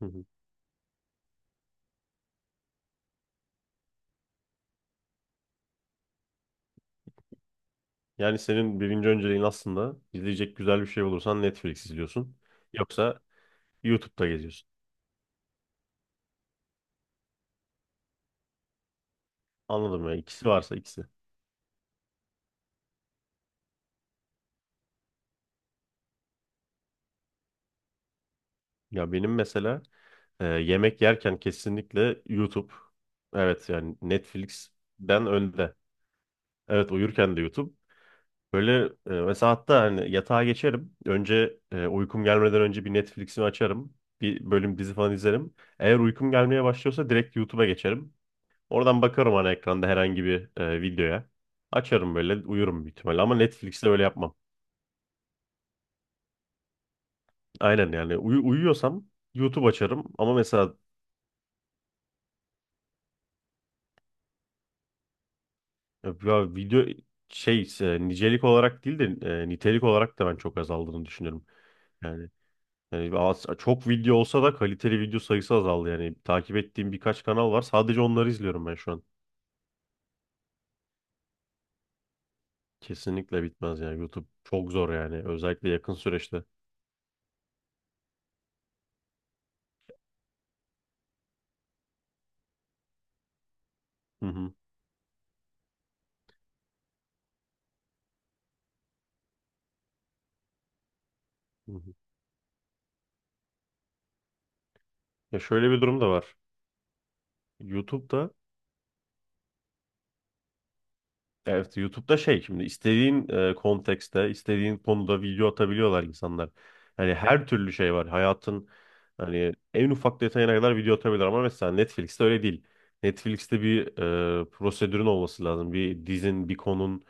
Hı hı. Yani senin birinci önceliğin aslında izleyecek güzel bir şey bulursan Netflix izliyorsun. Yoksa YouTube'da geziyorsun. Anladım ya. İkisi varsa ikisi. Ya benim mesela yemek yerken kesinlikle YouTube. Evet yani Netflix'den önde. Evet uyurken de YouTube. Böyle mesela hatta hani yatağa geçerim. Önce uykum gelmeden önce bir Netflix'imi açarım. Bir bölüm dizi falan izlerim. Eğer uykum gelmeye başlıyorsa direkt YouTube'a geçerim. Oradan bakarım ana ekranda herhangi bir videoya. Açarım böyle uyurum büyük ihtimalle ama Netflix'te öyle yapmam. Aynen yani uyuyorsam YouTube açarım ama mesela ya video şey nicelik olarak değil de nitelik olarak da ben çok azaldığını düşünüyorum. Yani, yani, çok video olsa da kaliteli video sayısı azaldı, yani takip ettiğim birkaç kanal var, sadece onları izliyorum ben şu an. Kesinlikle bitmez yani. YouTube çok zor yani, özellikle yakın süreçte. Hı hı. Hı hı. Ya şöyle bir durum da var. YouTube'da Evet, YouTube'da şey, şimdi istediğin kontekste, istediğin konuda video atabiliyorlar insanlar. Yani her türlü şey var. Hayatın hani en ufak detayına kadar video atabilirler, ama mesela Netflix'te öyle değil. Netflix'te bir prosedürün olması lazım. Bir dizin, bir konun,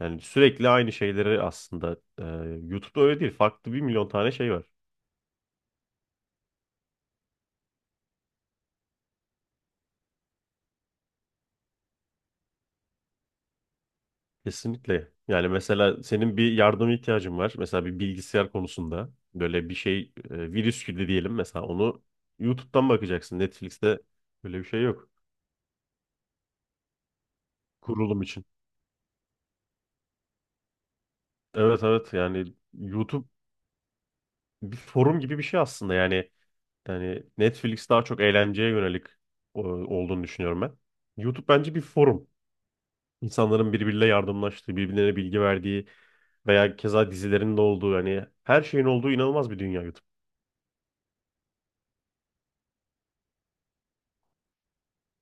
yani sürekli aynı şeyleri aslında. YouTube'da öyle değil. Farklı bir milyon tane şey var. Kesinlikle. Yani mesela senin bir yardıma ihtiyacın var. Mesela bir bilgisayar konusunda böyle bir şey, virüs gibi diyelim mesela, onu YouTube'dan bakacaksın. Netflix'te böyle bir şey yok, kurulum için. Evet, evet, yani YouTube bir forum gibi bir şey aslında. Yani Netflix daha çok eğlenceye yönelik olduğunu düşünüyorum ben. YouTube bence bir forum. İnsanların birbiriyle yardımlaştığı, birbirlerine bilgi verdiği veya keza dizilerin de olduğu, yani her şeyin olduğu inanılmaz bir dünya YouTube.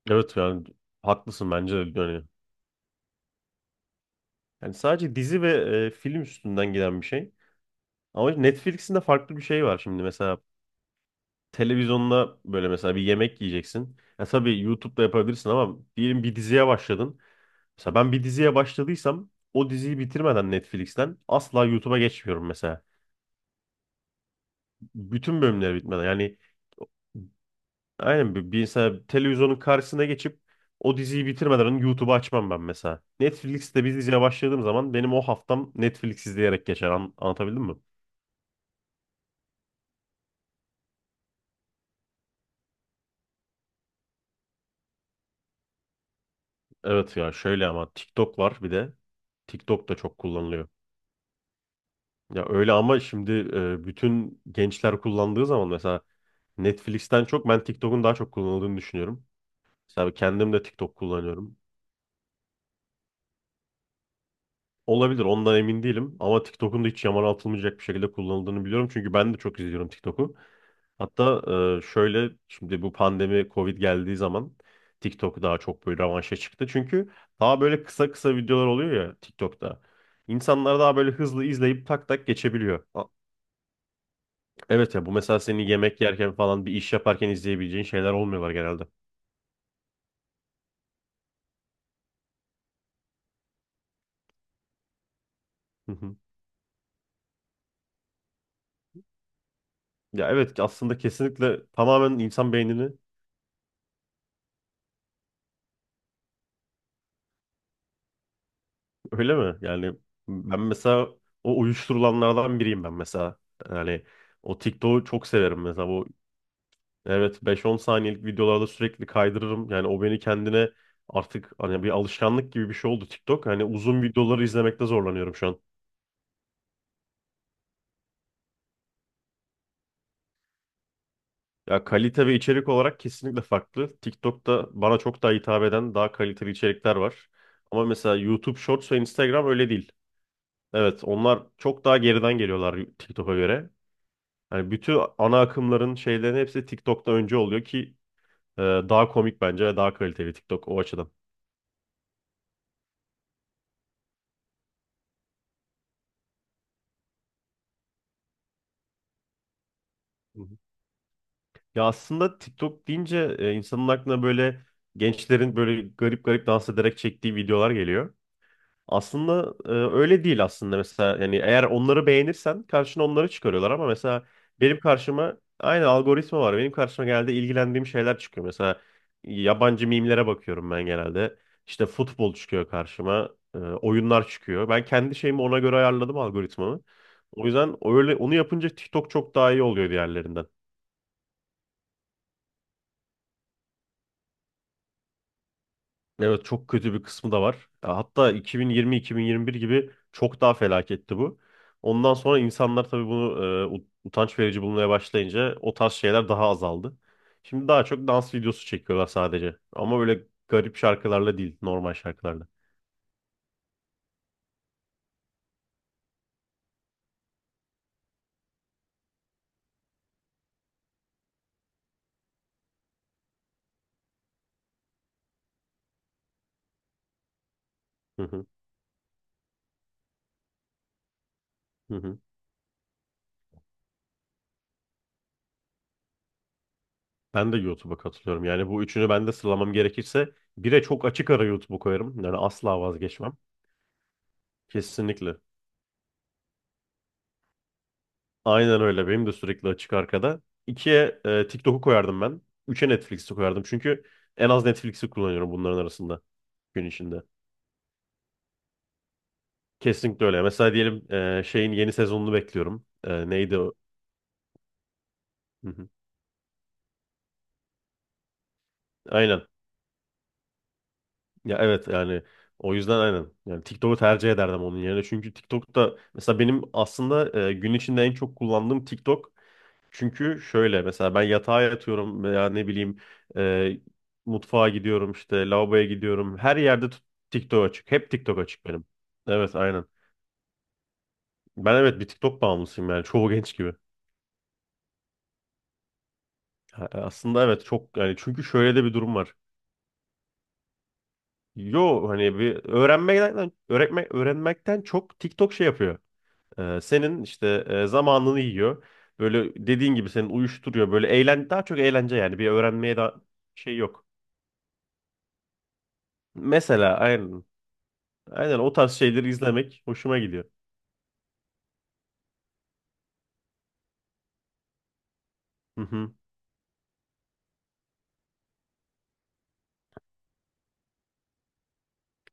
Evet yani haklısın bence de yani. Yani sadece dizi ve film üstünden giden bir şey. Ama Netflix'in de farklı bir şey var şimdi, mesela televizyonda böyle mesela bir yemek yiyeceksin. Ya tabii YouTube'da yapabilirsin ama diyelim bir diziye başladın. Mesela ben bir diziye başladıysam o diziyi bitirmeden Netflix'ten asla YouTube'a geçmiyorum mesela. Bütün bölümleri bitmeden yani. Aynen, bir mesela televizyonun karşısına geçip o diziyi bitirmeden önce YouTube'u açmam ben mesela. Netflix'te bir diziye başladığım zaman benim o haftam Netflix izleyerek geçer. Anlatabildim mi? Evet ya, şöyle ama TikTok var bir de. TikTok da çok kullanılıyor. Ya öyle ama şimdi bütün gençler kullandığı zaman mesela Netflix'ten çok ben TikTok'un daha çok kullanıldığını düşünüyorum. Mesela kendim de TikTok kullanıyorum. Olabilir, ondan emin değilim, ama TikTok'un da hiç yamana atılmayacak bir şekilde kullanıldığını biliyorum. Çünkü ben de çok izliyorum TikTok'u. Hatta şöyle, şimdi bu pandemi Covid geldiği zaman TikTok daha çok böyle revanşa çıktı. Çünkü daha böyle kısa kısa videolar oluyor ya TikTok'ta. İnsanlar daha böyle hızlı izleyip tak tak geçebiliyor. Evet ya, bu mesela seni yemek yerken falan, bir iş yaparken izleyebileceğin şeyler olmuyorlar genelde. Hı hı. Ya evet, aslında kesinlikle tamamen insan beynini. Öyle mi? Yani ben mesela o uyuşturulanlardan biriyim ben mesela. Yani o TikTok'u çok severim mesela. Evet, 5-10 saniyelik videolarda sürekli kaydırırım. Yani o beni kendine, artık hani bir alışkanlık gibi bir şey oldu TikTok. Hani uzun videoları izlemekte zorlanıyorum şu an. Ya kalite ve içerik olarak kesinlikle farklı. TikTok'ta bana çok daha hitap eden, daha kaliteli içerikler var. Ama mesela YouTube Shorts ve Instagram öyle değil. Evet, onlar çok daha geriden geliyorlar TikTok'a göre. Hani bütün ana akımların, şeylerin hepsi TikTok'ta önce oluyor ki, daha komik bence ve daha kaliteli TikTok o açıdan. Hı hı. Ya aslında TikTok deyince insanın aklına böyle gençlerin böyle garip garip dans ederek çektiği videolar geliyor. Aslında öyle değil aslında, mesela yani eğer onları beğenirsen karşına onları çıkarıyorlar, ama mesela benim karşıma aynı algoritma var. Benim karşıma genelde ilgilendiğim şeyler çıkıyor. Mesela yabancı mimlere bakıyorum ben genelde. İşte futbol çıkıyor karşıma, oyunlar çıkıyor. Ben kendi şeyimi ona göre ayarladım, algoritmamı. O yüzden öyle onu yapınca TikTok çok daha iyi oluyor diğerlerinden. Evet, çok kötü bir kısmı da var. Ya hatta 2020-2021 gibi çok daha felaketti bu. Ondan sonra insanlar tabii bunu utanç verici bulmaya başlayınca o tarz şeyler daha azaldı. Şimdi daha çok dans videosu çekiyorlar sadece. Ama öyle garip şarkılarla değil, normal şarkılarla. Hı hı, hı hı. Ben de YouTube'a katılıyorum. Yani bu üçünü ben de sıralamam gerekirse bire çok açık ara YouTube'u koyarım. Yani asla vazgeçmem. Kesinlikle. Aynen öyle. Benim de sürekli açık arkada. İkiye TikTok'u koyardım ben. Üçe Netflix'i koyardım. Çünkü en az Netflix'i kullanıyorum bunların arasında gün içinde. Kesinlikle öyle. Mesela diyelim şeyin yeni sezonunu bekliyorum. Neydi o? Hı hı. Aynen. Ya evet yani, o yüzden aynen. Yani TikTok'u tercih ederdim onun yerine. Çünkü TikTok'ta mesela benim aslında gün içinde en çok kullandığım TikTok. Çünkü şöyle, mesela ben yatağa yatıyorum veya ne bileyim, e, mutfağa gidiyorum, işte lavaboya gidiyorum. Her yerde TikTok açık. Hep TikTok açık benim. Evet aynen. Ben, evet, bir TikTok bağımlısıyım yani, çoğu genç gibi. Aslında evet, çok yani, çünkü şöyle de bir durum var. Yo hani bir öğrenmekten öğretme, öğrenmekten çok TikTok şey yapıyor. Senin işte zamanını yiyor. Böyle dediğin gibi senin uyuşturuyor. Böyle daha çok eğlence, yani bir öğrenmeye daha şey yok. Mesela aynen. Aynen, o tarz şeyleri izlemek hoşuma gidiyor. Hı hı.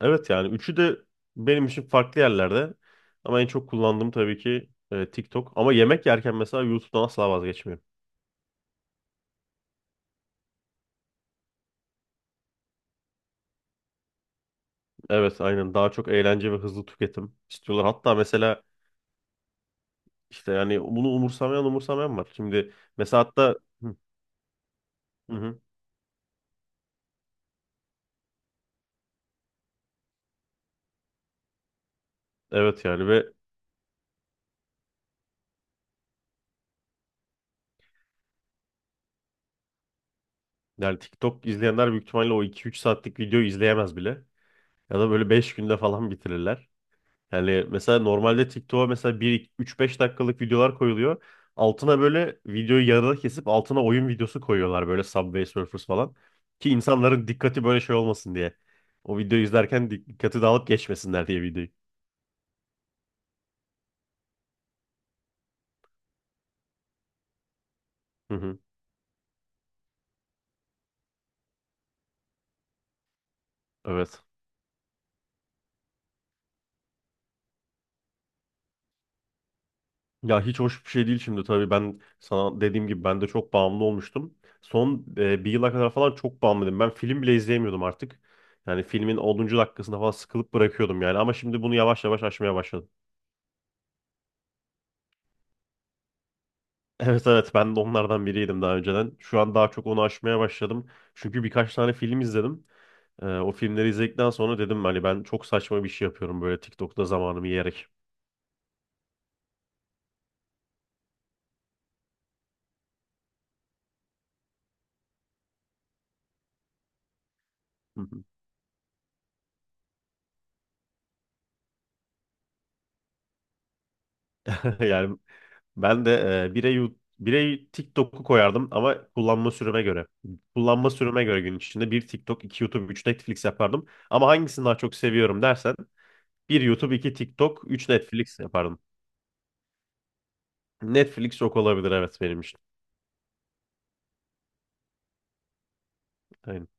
Evet yani üçü de benim için farklı yerlerde. Ama en çok kullandığım tabii ki TikTok. Ama yemek yerken mesela YouTube'dan asla vazgeçmiyorum. Evet aynen, daha çok eğlence ve hızlı tüketim istiyorlar. Hatta mesela işte yani, bunu umursamayan var. Şimdi mesela hatta, hı, hı hı. Evet yani, ve yani TikTok izleyenler büyük ihtimalle o 2-3 saatlik videoyu izleyemez bile. Ya da böyle 5 günde falan bitirirler. Yani mesela normalde TikTok'a mesela bir 3-5 dakikalık videolar koyuluyor. Altına böyle videoyu yarıda kesip altına oyun videosu koyuyorlar, böyle Subway Surfers falan. Ki insanların dikkati böyle şey olmasın diye. O videoyu izlerken dikkati dağılıp geçmesinler diye, videoyu. Hı hı. Evet. Ya hiç hoş bir şey değil şimdi, tabii ben sana dediğim gibi ben de çok bağımlı olmuştum. Son bir yıla kadar falan çok bağımlıydım. Ben film bile izleyemiyordum artık. Yani filmin 10. dakikasında falan sıkılıp bırakıyordum yani, ama şimdi bunu yavaş yavaş aşmaya başladım. Evet evet, ben de onlardan biriydim daha önceden. Şu an daha çok onu aşmaya başladım. Çünkü birkaç tane film izledim. O filmleri izledikten sonra dedim hani ben çok saçma bir şey yapıyorum böyle TikTok'ta, zamanımı yiyerek. Hı hı. Yani ben de bire TikTok'u koyardım, ama kullanma süreme göre. Kullanma süreme göre gün içinde bir TikTok, iki YouTube, üç Netflix yapardım. Ama hangisini daha çok seviyorum dersen bir YouTube, iki TikTok, üç Netflix yapardım. Netflix çok olabilir evet, benim için.